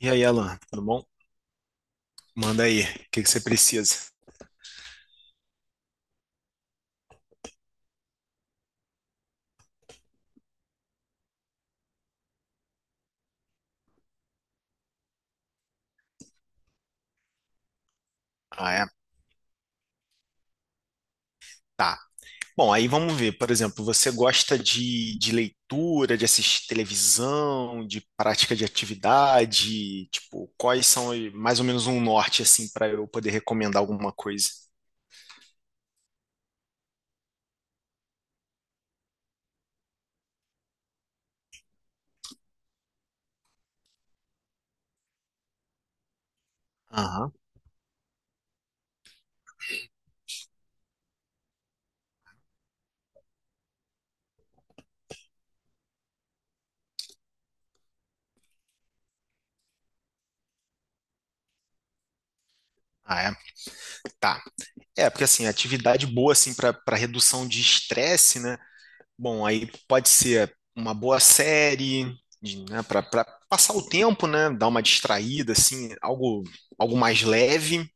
E aí, Alan, tudo bom? Manda aí, o que que você precisa? Ah, é? Tá. Bom, aí vamos ver, por exemplo, você gosta de leitura, de assistir televisão, de prática de atividade? Tipo, quais são mais ou menos um norte, assim, para eu poder recomendar alguma coisa? Aham. Ah, é? Tá. É, porque assim, atividade boa, assim, para redução de estresse, né? Bom, aí pode ser uma boa série, né, para passar o tempo, né, dar uma distraída, assim, algo, algo mais leve.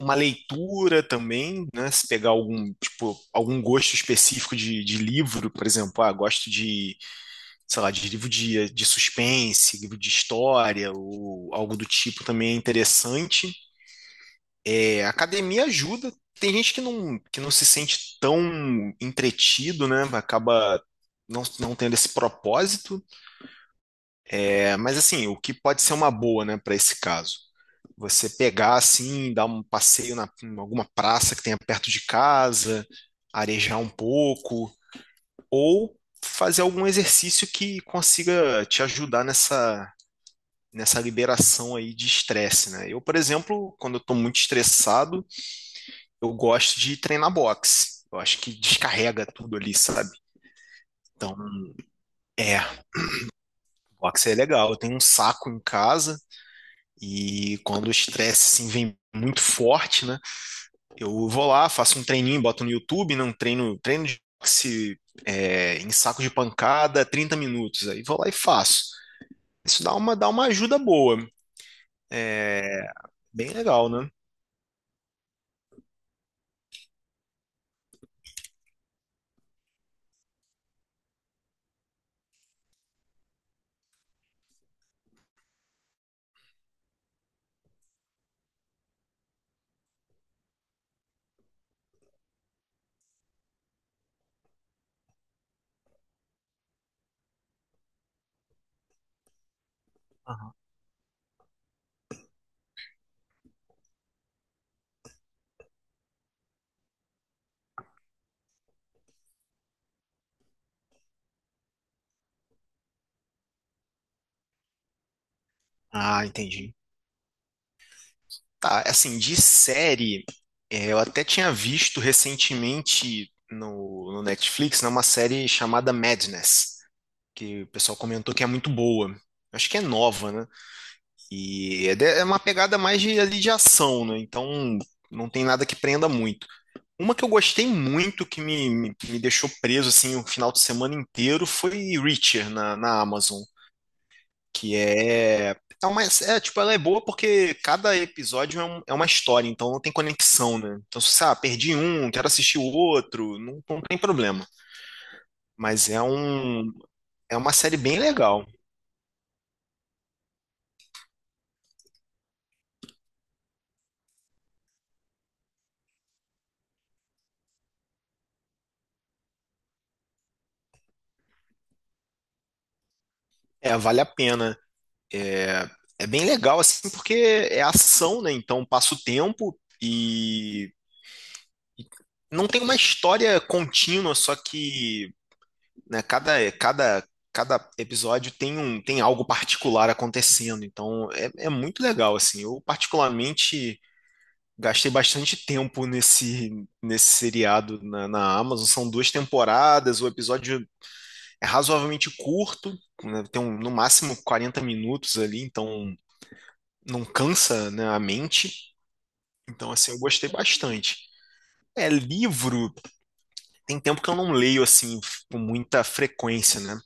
Uma leitura também, né, se pegar algum, tipo, algum gosto específico de livro, por exemplo, ah, gosto de, sei lá, de livro de suspense, livro de história, ou algo do tipo também é interessante. É, a academia ajuda. Tem gente que não se sente tão entretido, né? Acaba não tendo esse propósito. É, mas assim, o que pode ser uma boa, né, para esse caso? Você pegar assim, dar um passeio em alguma praça que tenha perto de casa, arejar um pouco, ou fazer algum exercício que consiga te ajudar nessa, nessa liberação aí de estresse, né? Eu, por exemplo, quando eu estou muito estressado, eu gosto de treinar boxe. Eu acho que descarrega tudo ali, sabe? Então, é, boxe é legal. Eu tenho um saco em casa e quando o estresse assim, vem muito forte, né? Eu vou lá, faço um treininho, boto no YouTube, não treino, treino de boxe é, em saco de pancada, 30 minutos. Aí vou lá e faço. Isso dá uma ajuda boa. É bem legal, né? Ah, entendi. Tá, assim, de série, é, eu até tinha visto recentemente no Netflix, né, uma série chamada Madness, que o pessoal comentou que é muito boa. Acho que é nova, né? E é, é uma pegada mais de, ali de ação, né? Então não tem nada que prenda muito. Uma que eu gostei muito, que me deixou preso assim o final de semana inteiro, foi Reacher na Amazon que é. É, uma, é, tipo, ela é boa porque cada episódio é, é uma história, então não tem conexão, né? Então, se você, ah, perdi um, quero assistir o outro, não tem problema. Mas é um, é uma série bem legal. É, vale a pena. É, é bem legal, assim, porque é ação, né? Então passa o tempo e não tem uma história contínua, só que né, cada episódio tem um, tem algo particular acontecendo, então é, é muito legal, assim. Eu particularmente gastei bastante tempo nesse, nesse seriado na Amazon, são duas temporadas, o episódio é razoavelmente curto, né, tem no máximo 40 minutos ali, então não cansa, né, a mente. Então, assim, eu gostei bastante. É, livro, tem tempo que eu não leio, assim, com muita frequência, né?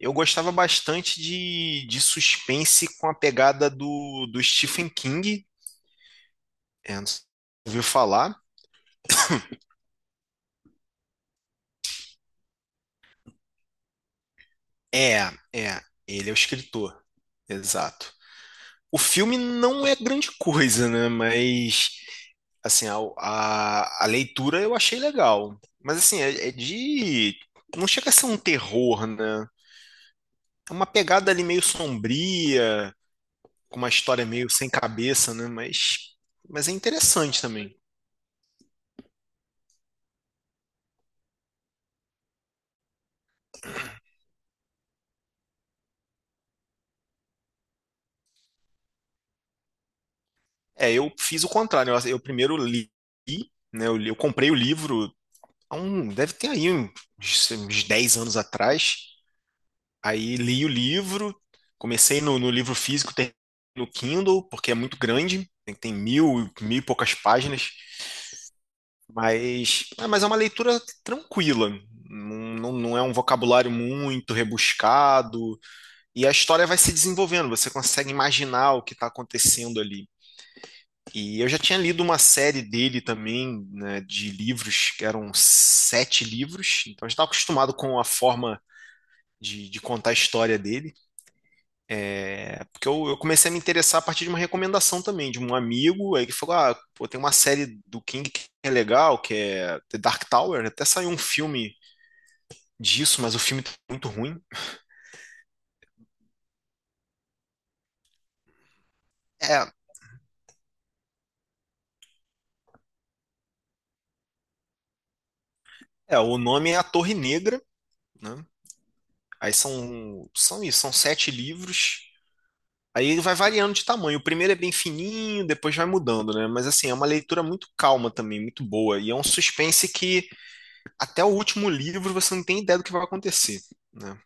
Eu gostava bastante de suspense com a pegada do Stephen King. É, não sei se você ouviu falar? É, é, ele é o escritor. Exato. O filme não é grande coisa, né? Mas, assim, a leitura eu achei legal. Mas, assim, é, é de. Não chega a ser um terror, né? É uma pegada ali meio sombria, com uma história meio sem cabeça, né? Mas é interessante também. É, eu fiz o contrário. Eu primeiro li, né? Eu, eu comprei o livro há um, deve ter aí um, uns, uns 10 anos atrás. Aí li o livro, comecei no livro físico, terminei no Kindle, porque é muito grande, tem, tem mil, mil e poucas páginas, mas, ah, mas é uma leitura tranquila. Não é um vocabulário muito rebuscado, e a história vai se desenvolvendo, você consegue imaginar o que está acontecendo ali. E eu já tinha lido uma série dele também, né, de livros, que eram sete livros, então eu já estava acostumado com a forma de contar a história dele. É, porque eu comecei a me interessar a partir de uma recomendação também, de um amigo, aí que falou: ah, pô, tem uma série do King que é legal, que é The Dark Tower, até saiu um filme disso, mas o filme tá muito ruim. É, é o nome é A Torre Negra, né? Aí são, são isso, são sete livros. Aí ele vai variando de tamanho. O primeiro é bem fininho, depois vai mudando, né? Mas assim, é uma leitura muito calma também, muito boa. E é um suspense que até o último livro você não tem ideia do que vai acontecer, né?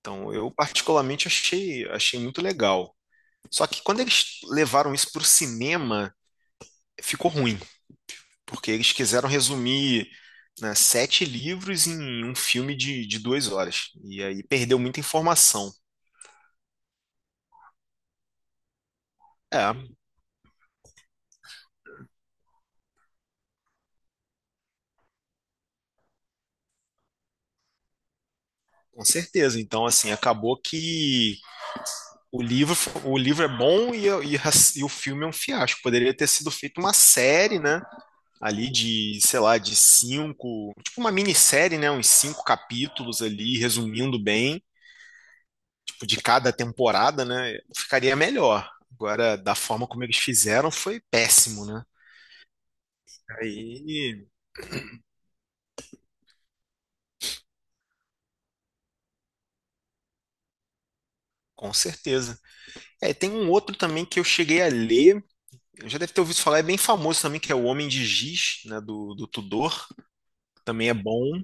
Então, eu particularmente achei, achei muito legal. Só que quando eles levaram isso para o cinema, ficou ruim, porque eles quiseram resumir, né, sete livros em um filme de duas horas. E aí perdeu muita informação. É, com certeza. Então, assim, acabou que o livro, o livro é bom e o filme é um fiasco. Poderia ter sido feito uma série, né? Ali de, sei lá, de cinco, tipo uma minissérie, né? Uns cinco capítulos ali, resumindo bem, tipo, de cada temporada, né? Ficaria melhor. Agora, da forma como eles fizeram, foi péssimo, né? Aí, com certeza. É, tem um outro também que eu cheguei a ler, já deve ter ouvido falar, é bem famoso também, que é O Homem de Giz, né, do Tudor. Também é bom.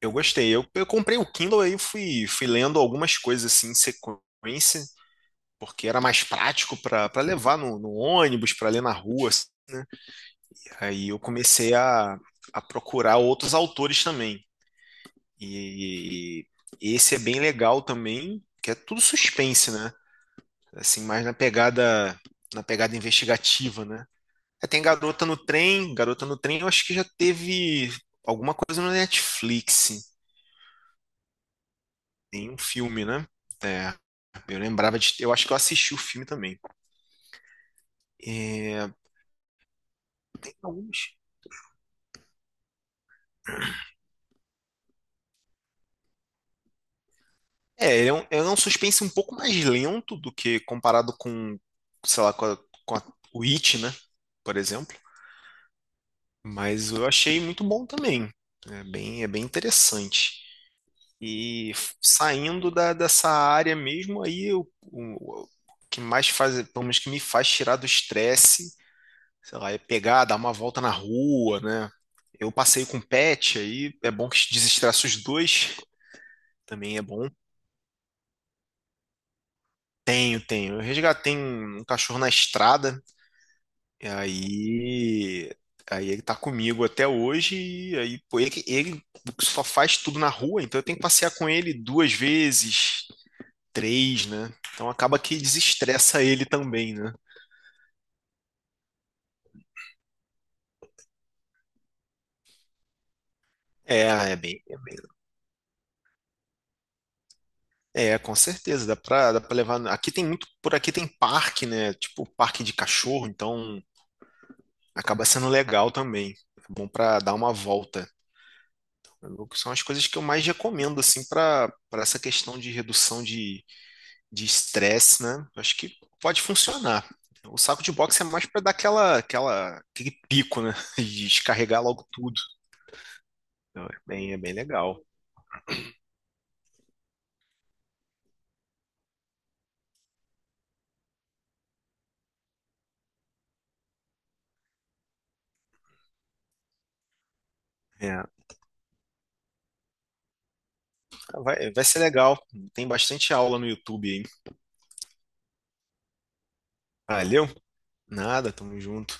Eu gostei. Eu comprei o Kindle, aí fui, fui lendo algumas coisas assim em sequência, porque era mais prático para levar no ônibus, para ler na rua, assim. Aí eu comecei a procurar outros autores também. E esse é bem legal também, que é tudo suspense, né? Assim, mais na pegada, na pegada investigativa, né? Aí tem Garota no Trem, eu acho que já teve alguma coisa no Netflix. Tem um filme, né? É, eu lembrava de. Eu acho que eu assisti o filme também. É, tem alguns. É, ele é um suspense um pouco mais lento do que comparado com, sei lá, com, com o It, né? Por exemplo. Mas eu achei muito bom também. É bem interessante. E saindo da, dessa área mesmo, aí o, o que mais faz, pelo menos que me faz tirar do estresse, sei lá, é pegar, dar uma volta na rua, né? Eu passei com pet, aí é bom que desestressa os dois. Também é bom. Tenho, tenho. Eu resgatei um, um cachorro na estrada, e aí, aí ele tá comigo até hoje, e aí, pô, ele, ele só faz tudo na rua, então eu tenho que passear com ele duas vezes, três, né? Então acaba que desestressa ele também, né? É, é bem, é, com certeza, dá pra levar. Aqui tem muito, por aqui tem parque, né? Tipo, parque de cachorro, então acaba sendo legal também. É bom pra dar uma volta. São as coisas que eu mais recomendo, assim, para essa questão de redução de estresse, né? Eu acho que pode funcionar. O saco de boxe é mais para dar aquela, aquela, aquele pico, né? De descarregar logo tudo. Então, é bem legal. É, vai, vai ser legal. Tem bastante aula no YouTube, hein? Valeu? Nada, tamo junto.